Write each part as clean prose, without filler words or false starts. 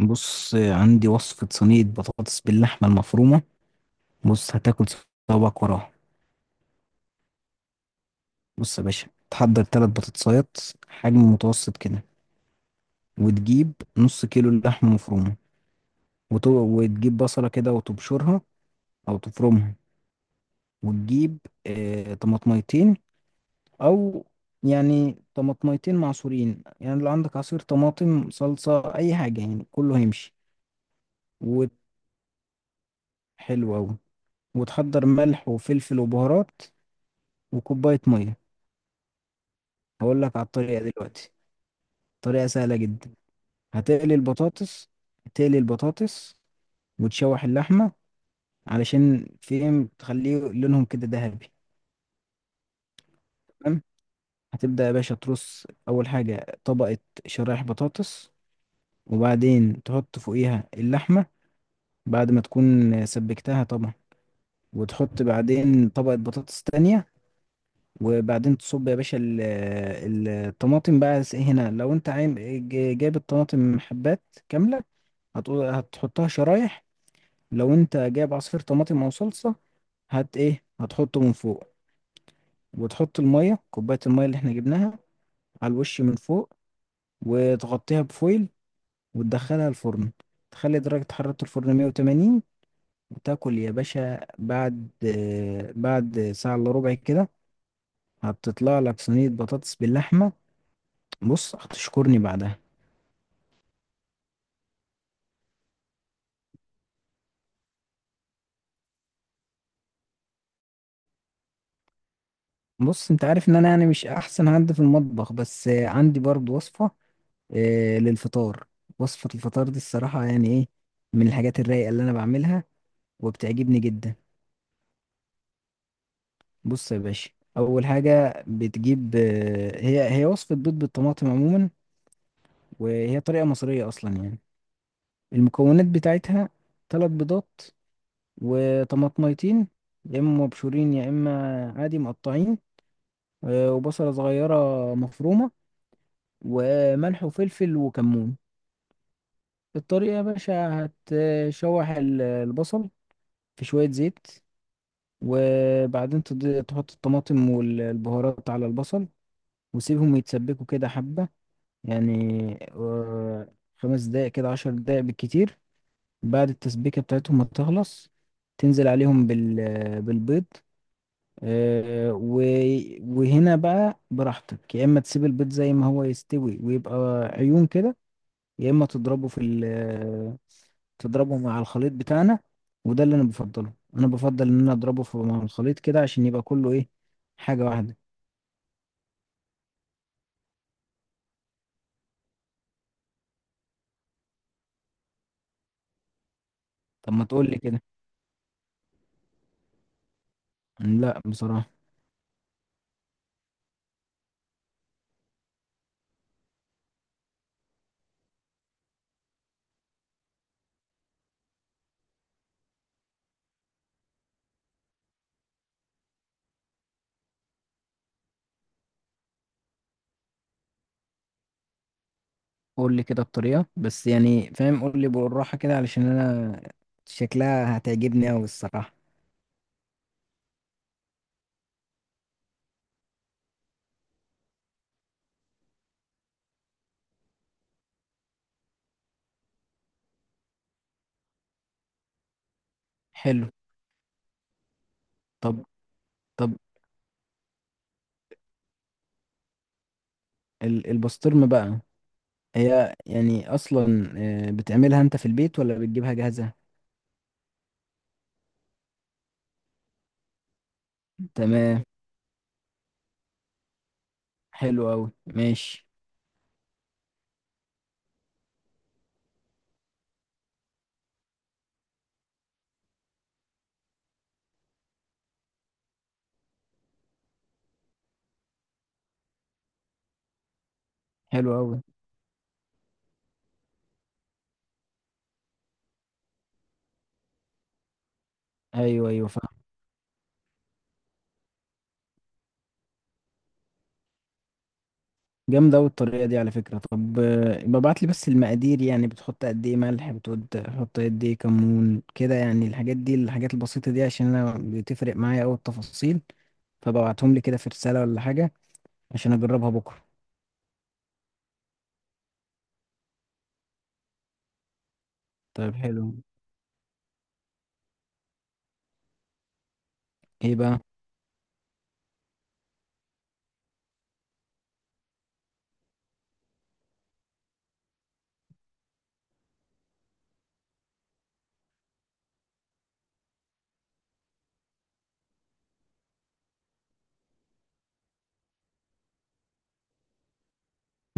بص، عندي وصفة صينية بطاطس باللحمة المفرومة. بص، هتاكل صوابعك وراها. بص يا باشا، تحضر تلات بطاطسايات حجم متوسط كده، وتجيب نص كيلو لحمة مفرومة، وتجيب بصلة كده وتبشرها أو تفرمها. وتجيب، طماطميتين. أو يعني طماطميتين معصورين، يعني لو عندك عصير طماطم، صلصة، أي حاجة يعني كله هيمشي. وحلو أوي. وتحضر ملح وفلفل وبهارات وكوباية مية. هقول لك على الطريقة دلوقتي، طريقة سهلة جدا. هتقلي البطاطس هتقلي البطاطس وتشوح اللحمة، علشان فيهم تخليه لونهم كده ذهبي. تمام، هتبدأ يا باشا ترص أول حاجة طبقة شرايح بطاطس، وبعدين تحط فوقيها اللحمة بعد ما تكون سبكتها طبعا، وتحط بعدين طبقة بطاطس تانية، وبعدين تصب يا باشا الطماطم بقى. هنا لو انت عايز جايب الطماطم حبات كاملة، هتقول هتحطها شرايح. لو انت جايب عصير طماطم او صلصة، هت ايه هتحطه من فوق. وتحط المية، كوباية المية اللي احنا جبناها، على الوش من فوق. وتغطيها بفويل وتدخلها الفرن. تخلي درجة حرارة الفرن 180. وتاكل يا باشا بعد بعد ساعة الا ربع كده. هتطلع لك صينية بطاطس باللحمة. بص، هتشكرني بعدها. بص، انت عارف ان انا يعني مش احسن حد في المطبخ، بس عندي برضو وصفة، للفطار. وصفة الفطار دي الصراحة يعني ايه، من الحاجات الرايقة اللي انا بعملها وبتعجبني جدا. بص يا باشا، اول حاجة بتجيب، هي وصفة بيض بالطماطم عموما، وهي طريقة مصرية اصلا يعني. المكونات بتاعتها ثلاث بيضات، وطماطميتين يا اما مبشورين يا اما عادي مقطعين، وبصلة صغيرة مفرومة، وملح وفلفل وكمون. الطريقة يا باشا، هتشوح البصل في شوية زيت. وبعدين تحط الطماطم والبهارات على البصل، وسيبهم يتسبكوا كده حبة، يعني، خمس دقايق كده، عشر دقايق بالكتير. بعد التسبيكة بتاعتهم ما تخلص، تنزل عليهم بالبيض، آه، و- وهنا بقى براحتك. يا إما تسيب البيض زي ما هو يستوي ويبقى عيون كده، يا اما تضربه في ال تضربه مع الخليط بتاعنا. وده اللي انا بفضل ان انا اضربه مع الخليط كده عشان يبقى كله ايه، حاجة واحدة. طب ما تقول لي كده؟ لا بصراحة. قول لي كده الطريقة، بس يعني فاهم، قول لي بالراحة كده علشان انا شكلها هتعجبني قوي الصراحة. حلو. طب. طب، البسطرمة بقى هي يعني اصلا، بتعملها انت في البيت ولا بتجيبها جاهزة؟ تمام، حلو قوي ماشي. حلو قوي. ايوه ايوه. جامدة أوي الطريقة دي على فكرة. طب يبقى ابعت لي بس المقادير، يعني بتحط قد إيه ملح، بتحط قد إيه كمون كده، يعني الحاجات دي، الحاجات البسيطة دي، عشان أنا بتفرق معايا أوي التفاصيل. فببعتهم لي كده في رسالة ولا حاجة، عشان أجربها بكرة. طيب حلو. إيه بقى؟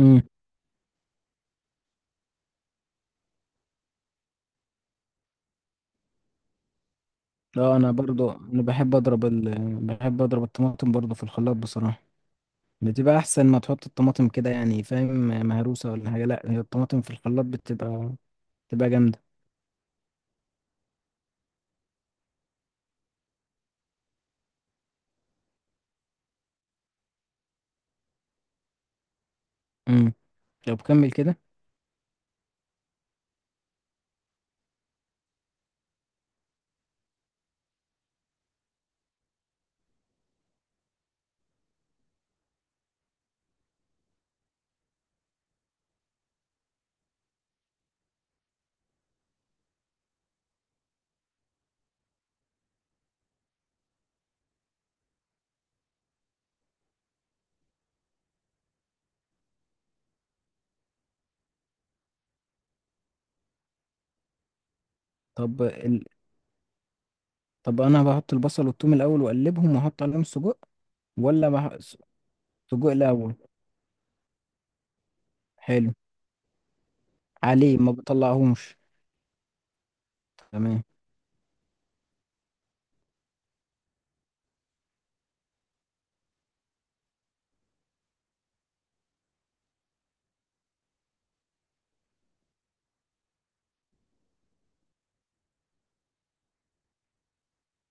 مم. اه، أنا برضو أنا بحب بحب أضرب الطماطم برضو في الخلاط بصراحة. بتبقى أحسن ما تحط الطماطم كده، يعني فاهم، مهروسة ولا حاجة. لأ، هي الطماطم في الخلاط بتبقى جامدة. مم. طب كمل كده. طب طب انا بحط البصل والثوم الاول واقلبهم واحط عليهم السجق، ولا بح... سجق الاول. حلو، عليه ما بطلعهمش. تمام.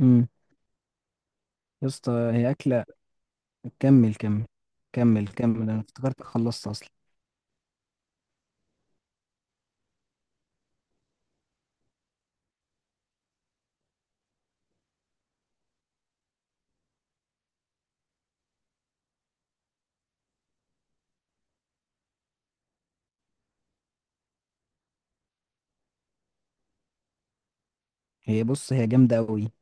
امم، يا اسطى هي اكله. كمل كمل. كمل كمل، انا افتكرت خلصت اصلا. هي بص هي جامده قوي،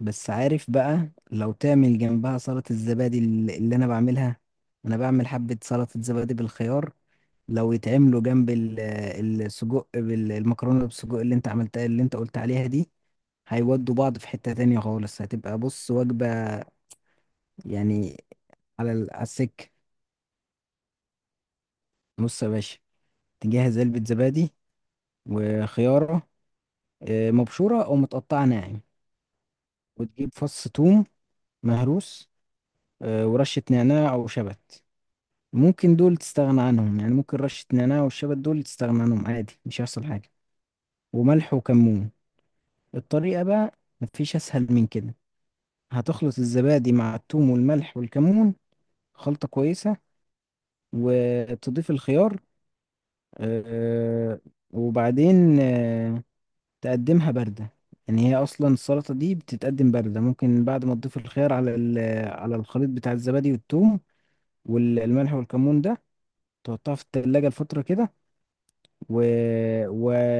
بس عارف بقى لو تعمل جنبها سلطه الزبادي اللي انا بعملها. انا بعمل حبه سلطه زبادي بالخيار، لو يتعملوا جنب السجق، بالمكرونه بالسجق اللي انت عملتها اللي انت قلت عليها دي، هيودوا بعض في حتة تانية خالص. هتبقى بص وجبة، يعني، على على السكة. بص يا باشا، تجهز علبة زبادي، وخيارة مبشورة أو متقطعة ناعم، وتجيب فص ثوم مهروس، ورشة نعناع أو شبت. ممكن دول تستغنى عنهم، يعني ممكن رشة نعناع والشبت دول تستغنى عنهم عادي، مش هيحصل حاجة. وملح وكمون. الطريقة بقى، مفيش أسهل من كده. هتخلط الزبادي مع الثوم والملح والكمون خلطة كويسة، وتضيف الخيار، آه، وبعدين، تقدمها باردة. يعني هي أصلا السلطة دي بتتقدم باردة. ممكن بعد ما تضيف الخيار على على الخليط بتاع الزبادي والثوم والملح والكمون ده، تحطها في التلاجة لفترة كده، و...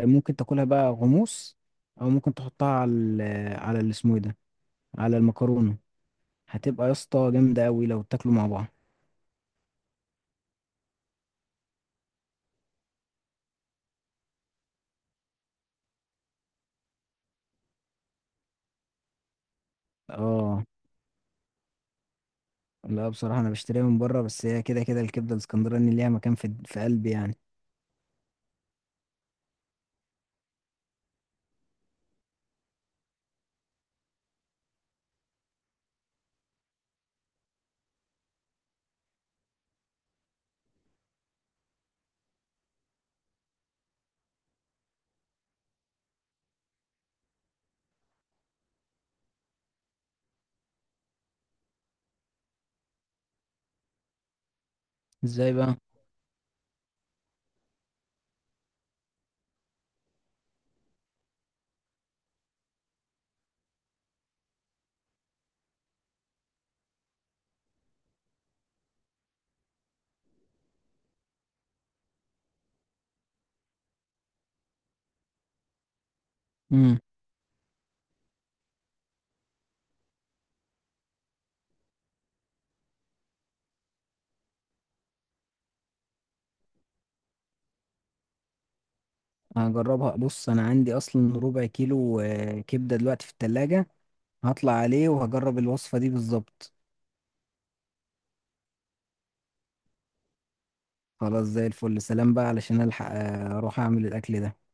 وممكن تاكلها بقى غموس، أو ممكن تحطها على على اللي اسمه إيه ده، على المكرونة. هتبقى يا اسطى جامدة أوي لو تاكلوا مع بعض. اه. لا بصراحة أنا بشتريها من بره، بس هي كده كده الكبدة الاسكندراني ليها مكان في قلبي يعني. ازاي بقى؟ مم. هجربها. بص انا عندي اصلا ربع كيلو كبدة دلوقتي في التلاجة، هطلع عليه وهجرب الوصفة دي بالظبط. خلاص زي الفل. سلام بقى، علشان الحق اروح اعمل الاكل ده.